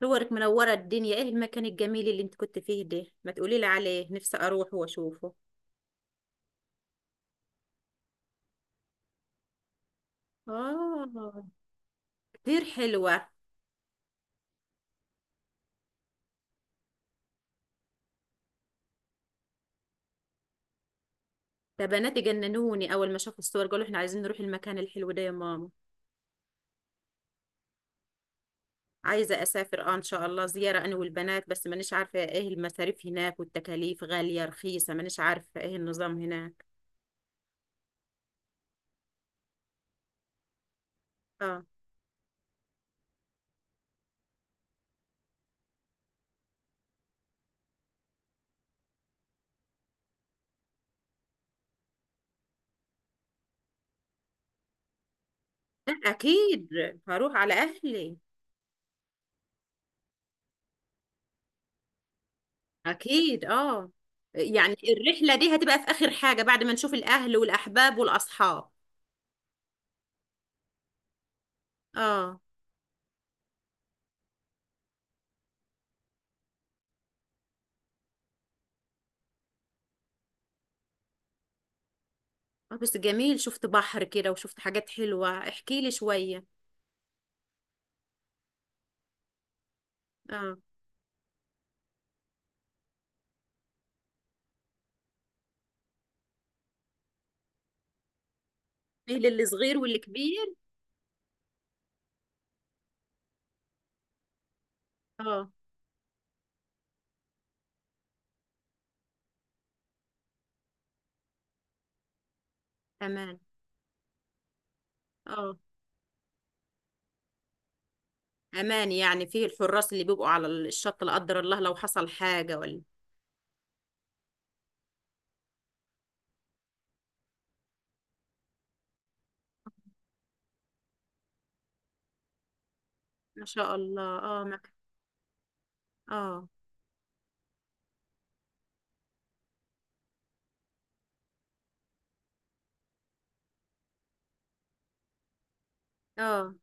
صورك منورة الدنيا، ايه المكان الجميل اللي انت كنت فيه ده؟ ما تقولي لي عليه، نفسي اروح واشوفه. اه. كتير حلوة. ده بناتي جننوني اول ما شافوا الصور، قالوا احنا عايزين نروح المكان الحلو ده يا ماما. عايزة اسافر اه ان شاء الله زيارة انا والبنات، بس مانيش عارفة ايه المصاريف هناك والتكاليف غالية رخيصة، مانيش عارفة ايه النظام هناك. اه. لا اكيد. هروح على اهلي. اكيد اه. يعني الرحلة دي هتبقى في اخر حاجة بعد ما نشوف الاهل والاحباب والاصحاب. اه. آه، بس جميل شفت بحر كده وشفت حاجات حلوة، احكي لي شوية. اه. فيه للي صغير واللي كبير. اه. امان. اه. امان يعني، فيه الحراس اللي بيبقوا على الشط لا قدر الله لو حصل حاجة ولا؟ ما شاء الله اه اه اه.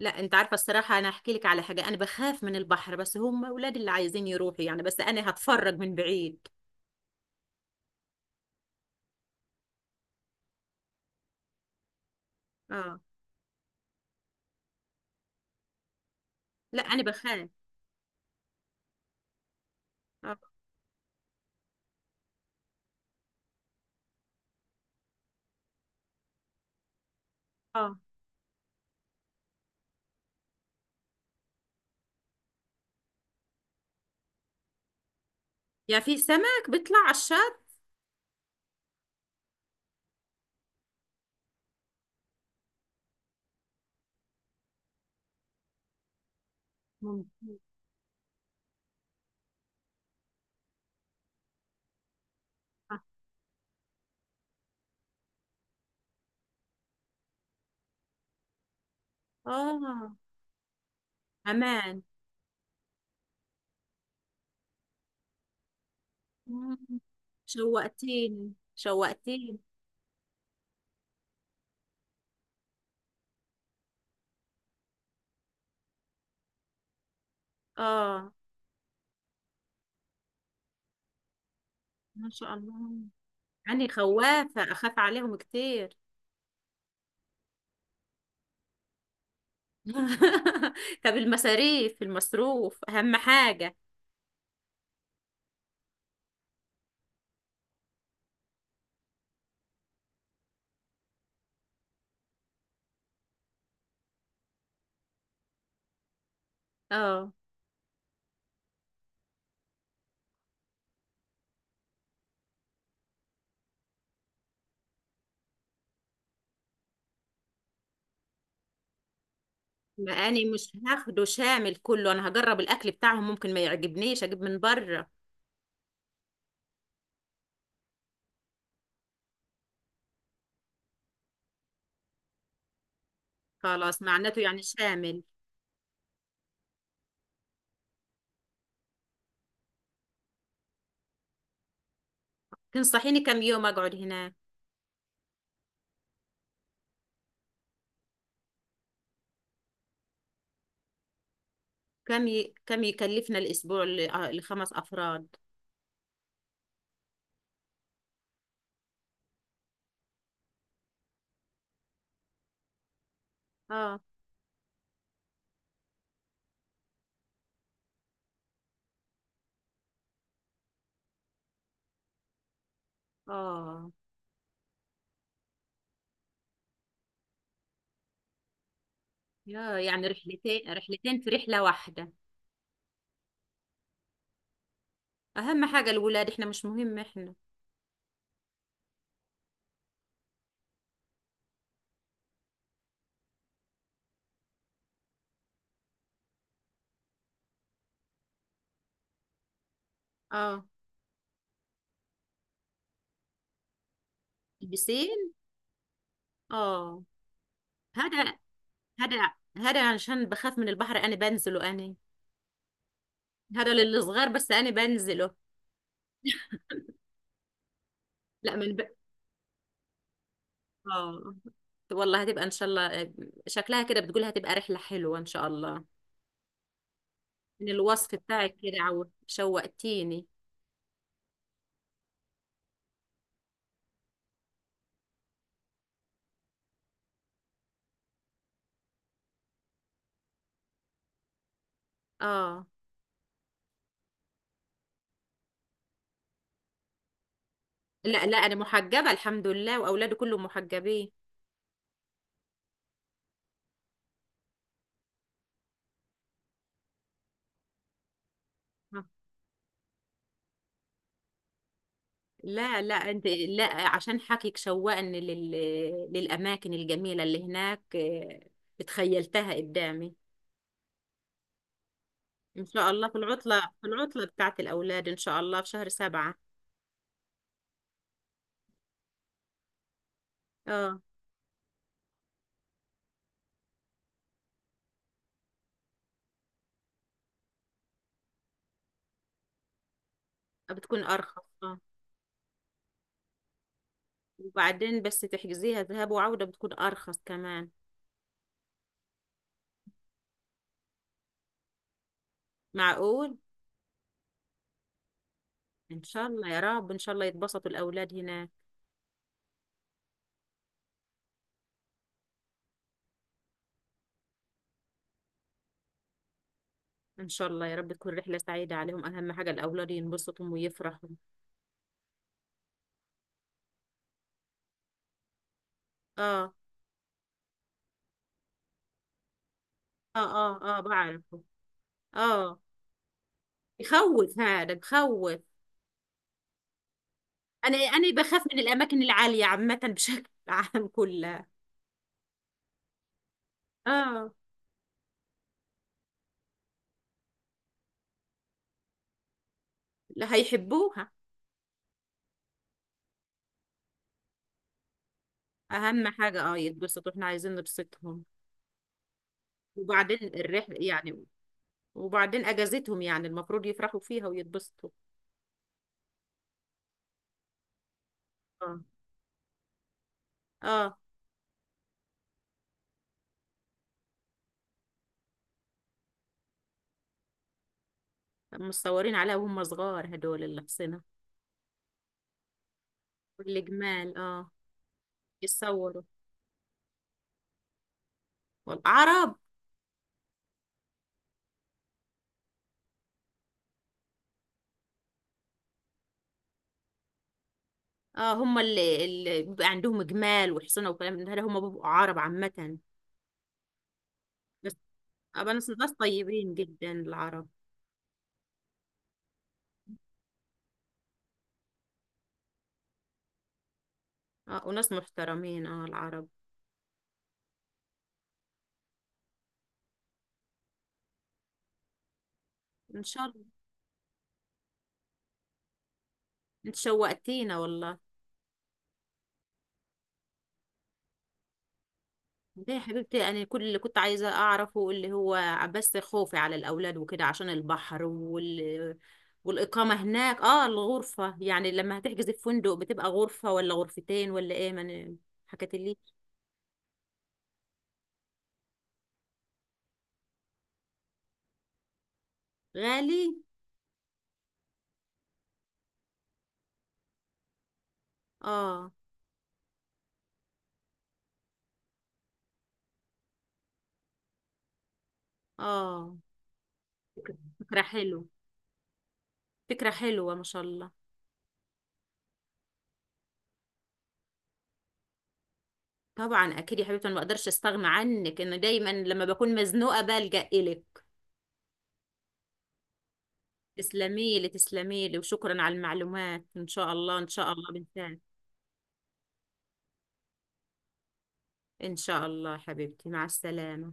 لا انت عارفة الصراحة، انا احكي لك على حاجة، انا بخاف من البحر بس هم اولادي اللي عايزين يروحوا، يعني بس انا هتفرج من بعيد. اه. لا انا بخاف. اه اه. يعني في سمك بيطلع على الشط؟ ممكن. اه. آه، امان. مم. شوقتيني شوقتيني. اه. ما شاء الله. يعني خوافة، أخاف عليهم كتير. طب المصاريف المصروف أهم حاجة. اه. ما أنا مش هاخده شامل كله، أنا هجرب الأكل بتاعهم ممكن ما يعجبنيش، أجيب من بره. خلاص، معناته يعني شامل. تنصحيني كم يوم أقعد هناك؟ كم يكلفنا الأسبوع آه، ل5 أفراد؟ اه اه. يا يعني رحلتين رحلتين في رحلة واحدة. اهم حاجه الولاد، احنا مش مهم احنا. اه. البسين. اه. هذا هذا هذا عشان بخاف من البحر انا بنزله انا. هذا للصغار بس انا بنزله. لا من ب... اه. والله هتبقى ان شاء الله. شكلها كده بتقولها هتبقى رحله حلوه ان شاء الله. من الوصف بتاعك كده عو شوقتيني. اه. لا لا انا محجبه الحمد لله واولادي كلهم محجبين. لا لا انت لا عشان حكيك شوقني للاماكن الجميله اللي هناك. آه، اتخيلتها قدامي. ان شاء الله في العطله بتاعت الاولاد ان شاء الله في شهر سبعة. اه. بتكون ارخص اه. وبعدين بس تحجزيها ذهاب وعوده بتكون ارخص كمان. معقول. ان شاء الله يا رب، ان شاء الله يتبسطوا الاولاد هناك. ان شاء الله يا رب تكون رحله سعيده عليهم، اهم حاجه الاولاد ينبسطوا ويفرحوا. اه اه اه. اه بعرفه. اه. يخوف هذا، بخوف. انا بخاف من الاماكن العاليه عامه. بشكل عام كلها. اه. لا هيحبوها. اهم حاجه اه يتبسطوا، احنا عايزين نبسطهم. وبعدين الرحله يعني، وبعدين اجازتهم يعني المفروض يفرحوا فيها ويتبسطوا. اه. اه. مصورين عليها وهم صغار هدول اللي حصنا. والجمال اه. يتصوروا. والعرب. اه هم اللي بيبقى عندهم جمال وحصنة وكلام من ده هم بيبقوا عرب عامة. بس أبقى ناس طيبين جدا العرب. اه وناس محترمين اه العرب. ان شاء الله. انت شوقتينا والله. ليه يا حبيبتي، انا كل اللي كنت عايزه اعرفه اللي هو بس خوفي على الاولاد وكده عشان البحر والاقامه هناك. اه الغرفه يعني لما هتحجزي في فندق بتبقى غرفه ولا غرفتين ولا ايه، ما أنا حكت لي. غالي. اه اه. فكره حلوه، فكره حلوه ما شاء الله. طبعا اكيد يا حبيبتي، انا ما اقدرش استغنى عنك، انه دايما لما بكون مزنوقه بلجأ الك. تسلمي لي تسلمي لي وشكرا على المعلومات، ان شاء الله ان شاء الله بنساعد. ان شاء الله حبيبتي، مع السلامة.